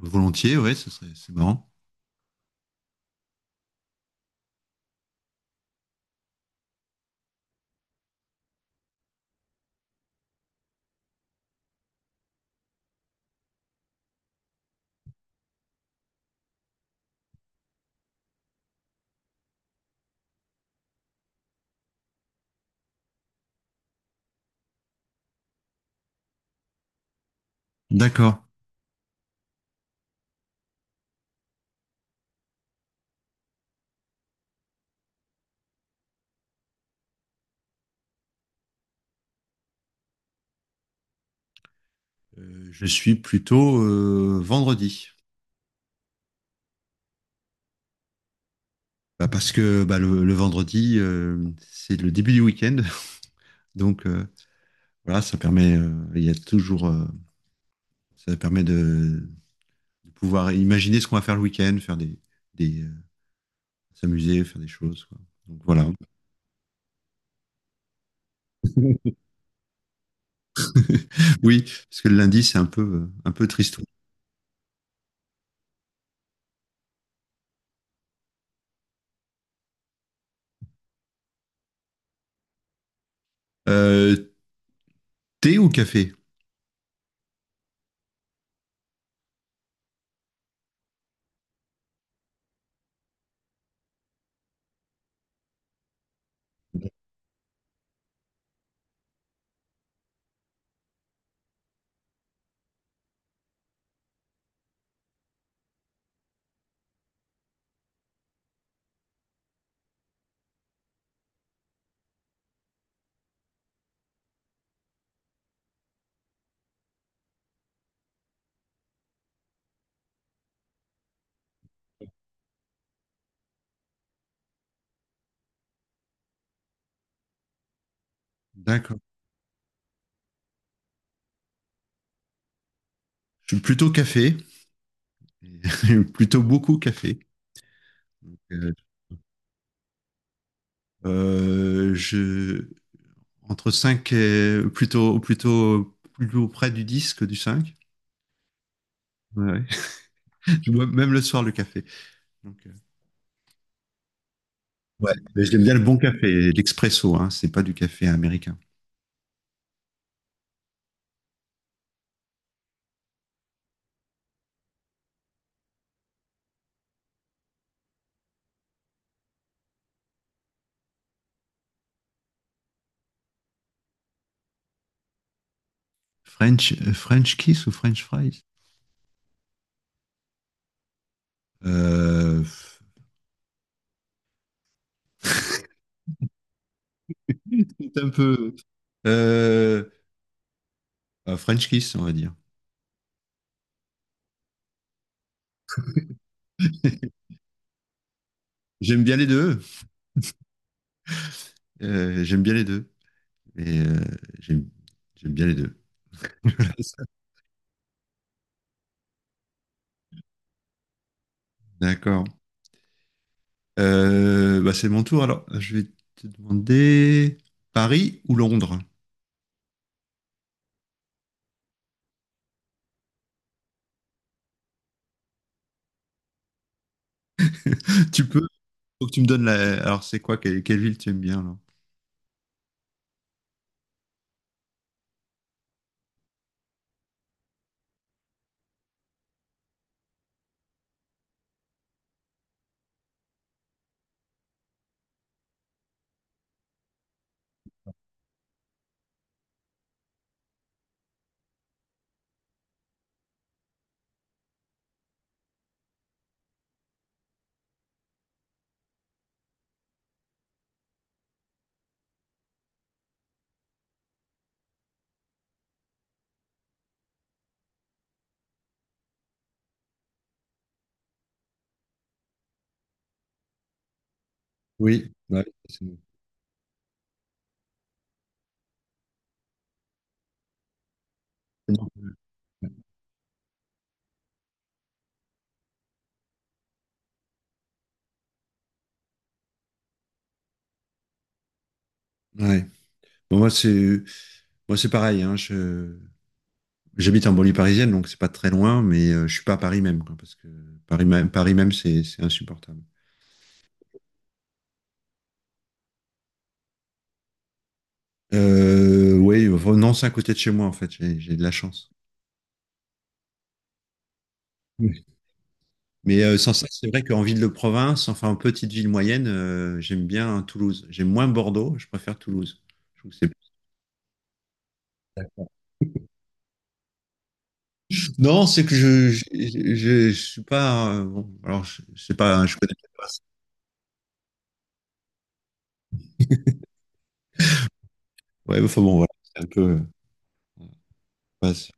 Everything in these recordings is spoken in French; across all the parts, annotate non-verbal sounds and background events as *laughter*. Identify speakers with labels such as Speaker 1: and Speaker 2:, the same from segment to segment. Speaker 1: Volontiers, ouais, ce serait, c'est marrant. D'accord. Je suis plutôt vendredi. Bah, parce que bah, le vendredi, c'est le début du week-end. *laughs* Donc voilà, ça permet, il y a toujours, ça permet de pouvoir imaginer ce qu'on va faire le week-end, faire des, des, euh, s'amuser, faire des choses, quoi. Donc voilà. *laughs* Oui, parce que le lundi, c'est un peu tristou. Euh, thé ou café? D'accord. Je suis plutôt café, *laughs* plutôt beaucoup café. Euh, Euh, je, Entre 5 et plutôt plus près du 10 que du 5. Ouais. *laughs* Je bois même le soir le café. Donc, euh, ouais, mais j'aime bien le bon café, l'expresso, hein, c'est pas du café américain. French kiss ou French fries. euh, C'est un peu. Euh, un French kiss, on va dire. *laughs* J'aime bien les deux. J'aime bien les deux. Et j'aime j'aime bien les deux. *laughs* D'accord. C'est mon tour alors. Je vais te demander Paris ou Londres. Tu peux, faut que tu me donnes la. Alors c'est quoi, quelle ville tu aimes bien là? Oui, ouais, c'est- ouais. Bon, moi c'est pareil, hein, je- J'habite en banlieue parisienne, donc c'est pas très loin, mais je suis pas à Paris même, quoi, parce que Paris même c'est insupportable. Oui, enfin, Nantes c'est à côté de chez moi en fait. J'ai de la chance. Mais sans ça, c'est vrai qu'en ville de province, enfin en petite ville moyenne, j'aime bien Toulouse. J'aime moins Bordeaux, je préfère Toulouse. Je trouve que c'est- Non, c'est que je suis pas. Bon, alors, je sais pas, hein, je connais pas. Ouais, enfin bon, voilà, c'est un peu. Ouais, c'est-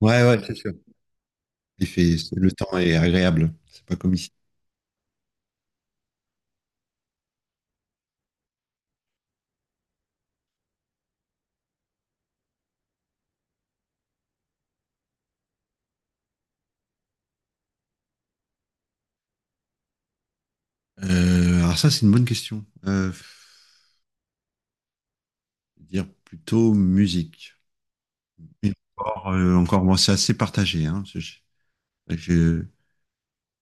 Speaker 1: ouais, ouais, c'est sûr. Il fait, c'est- le temps est agréable. C'est pas comme ici. Alors ça, c'est une bonne question. Je vais dire plutôt musique. Et encore, bon, c'est assez partagé. Hein, ce- je-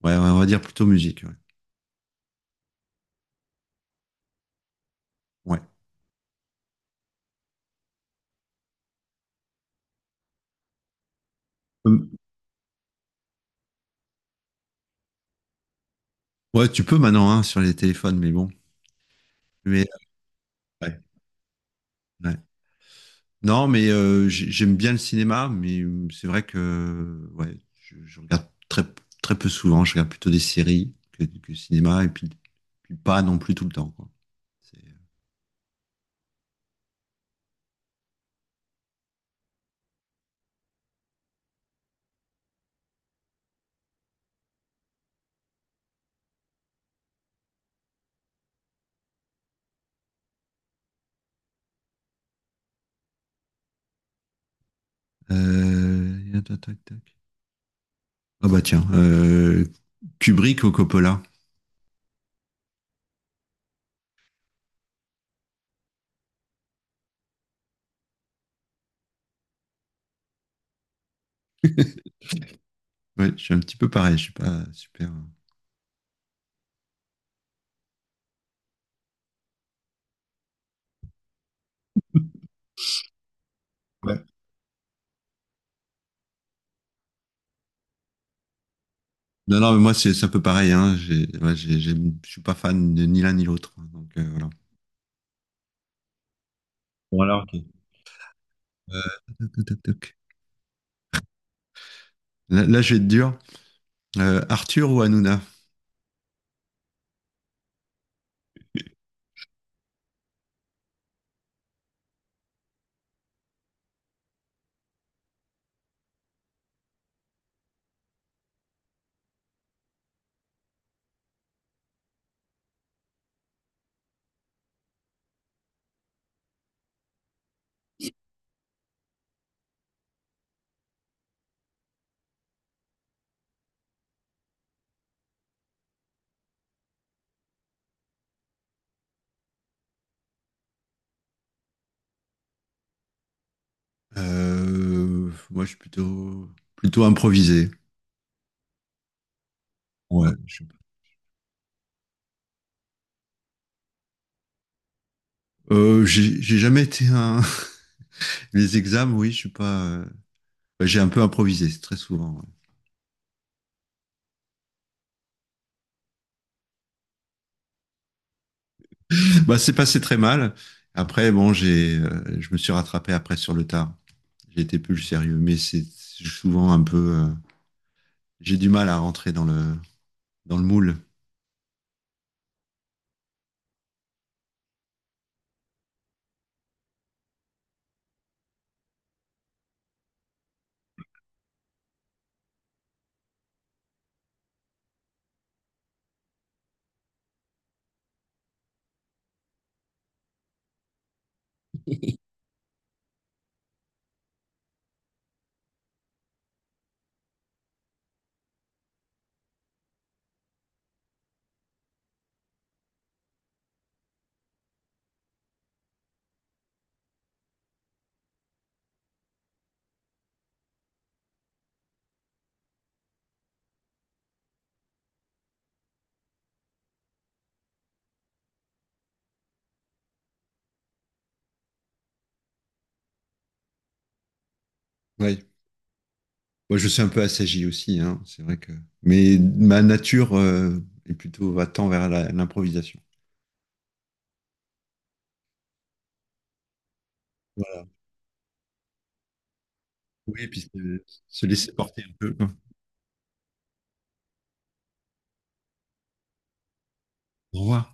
Speaker 1: ouais, on va dire plutôt musique. Ouais. Ouais. Hum, ouais, tu peux maintenant hein, sur les téléphones, mais bon. Mais euh, ouais, ouais. Non, mais j'ai- j'aime bien le cinéma, mais c'est vrai que ouais, je regarde très peu souvent. Je regarde plutôt des séries que le cinéma, et puis, puis pas non plus tout le temps, quoi. C'est- Tac, tac, tac. Ah bah tiens, Kubrick ou Coppola. *laughs* Ouais, je suis un petit peu pareil, je suis pas super. Ouais. Non, non, mais moi c'est un peu pareil, hein. J'ai, ouais, j'ai- je suis pas fan de ni l'un ni l'autre, hein. Donc voilà. Bon alors, ok. Euh, Toc, toc, toc. Là, je vais être dur. Arthur ou Hanouna? Moi, je suis plutôt improvisé. Ouais, je- J'ai jamais été un. *laughs* Les examens, oui, je suis pas. Bah, j'ai un peu improvisé, c'est très souvent. Ouais. Bah, c'est passé très mal. Après, bon, je me suis rattrapé après sur le tard. J'ai été plus sérieux, mais c'est souvent un peu. J'ai du mal à rentrer dans le moule. Ouais. Moi, je suis un peu assagi aussi, hein, c'est vrai que. Mais ma nature est plutôt va tend vers la- l'improvisation. Voilà. Oui, et puis se laisser porter un peu, quoi. Au revoir.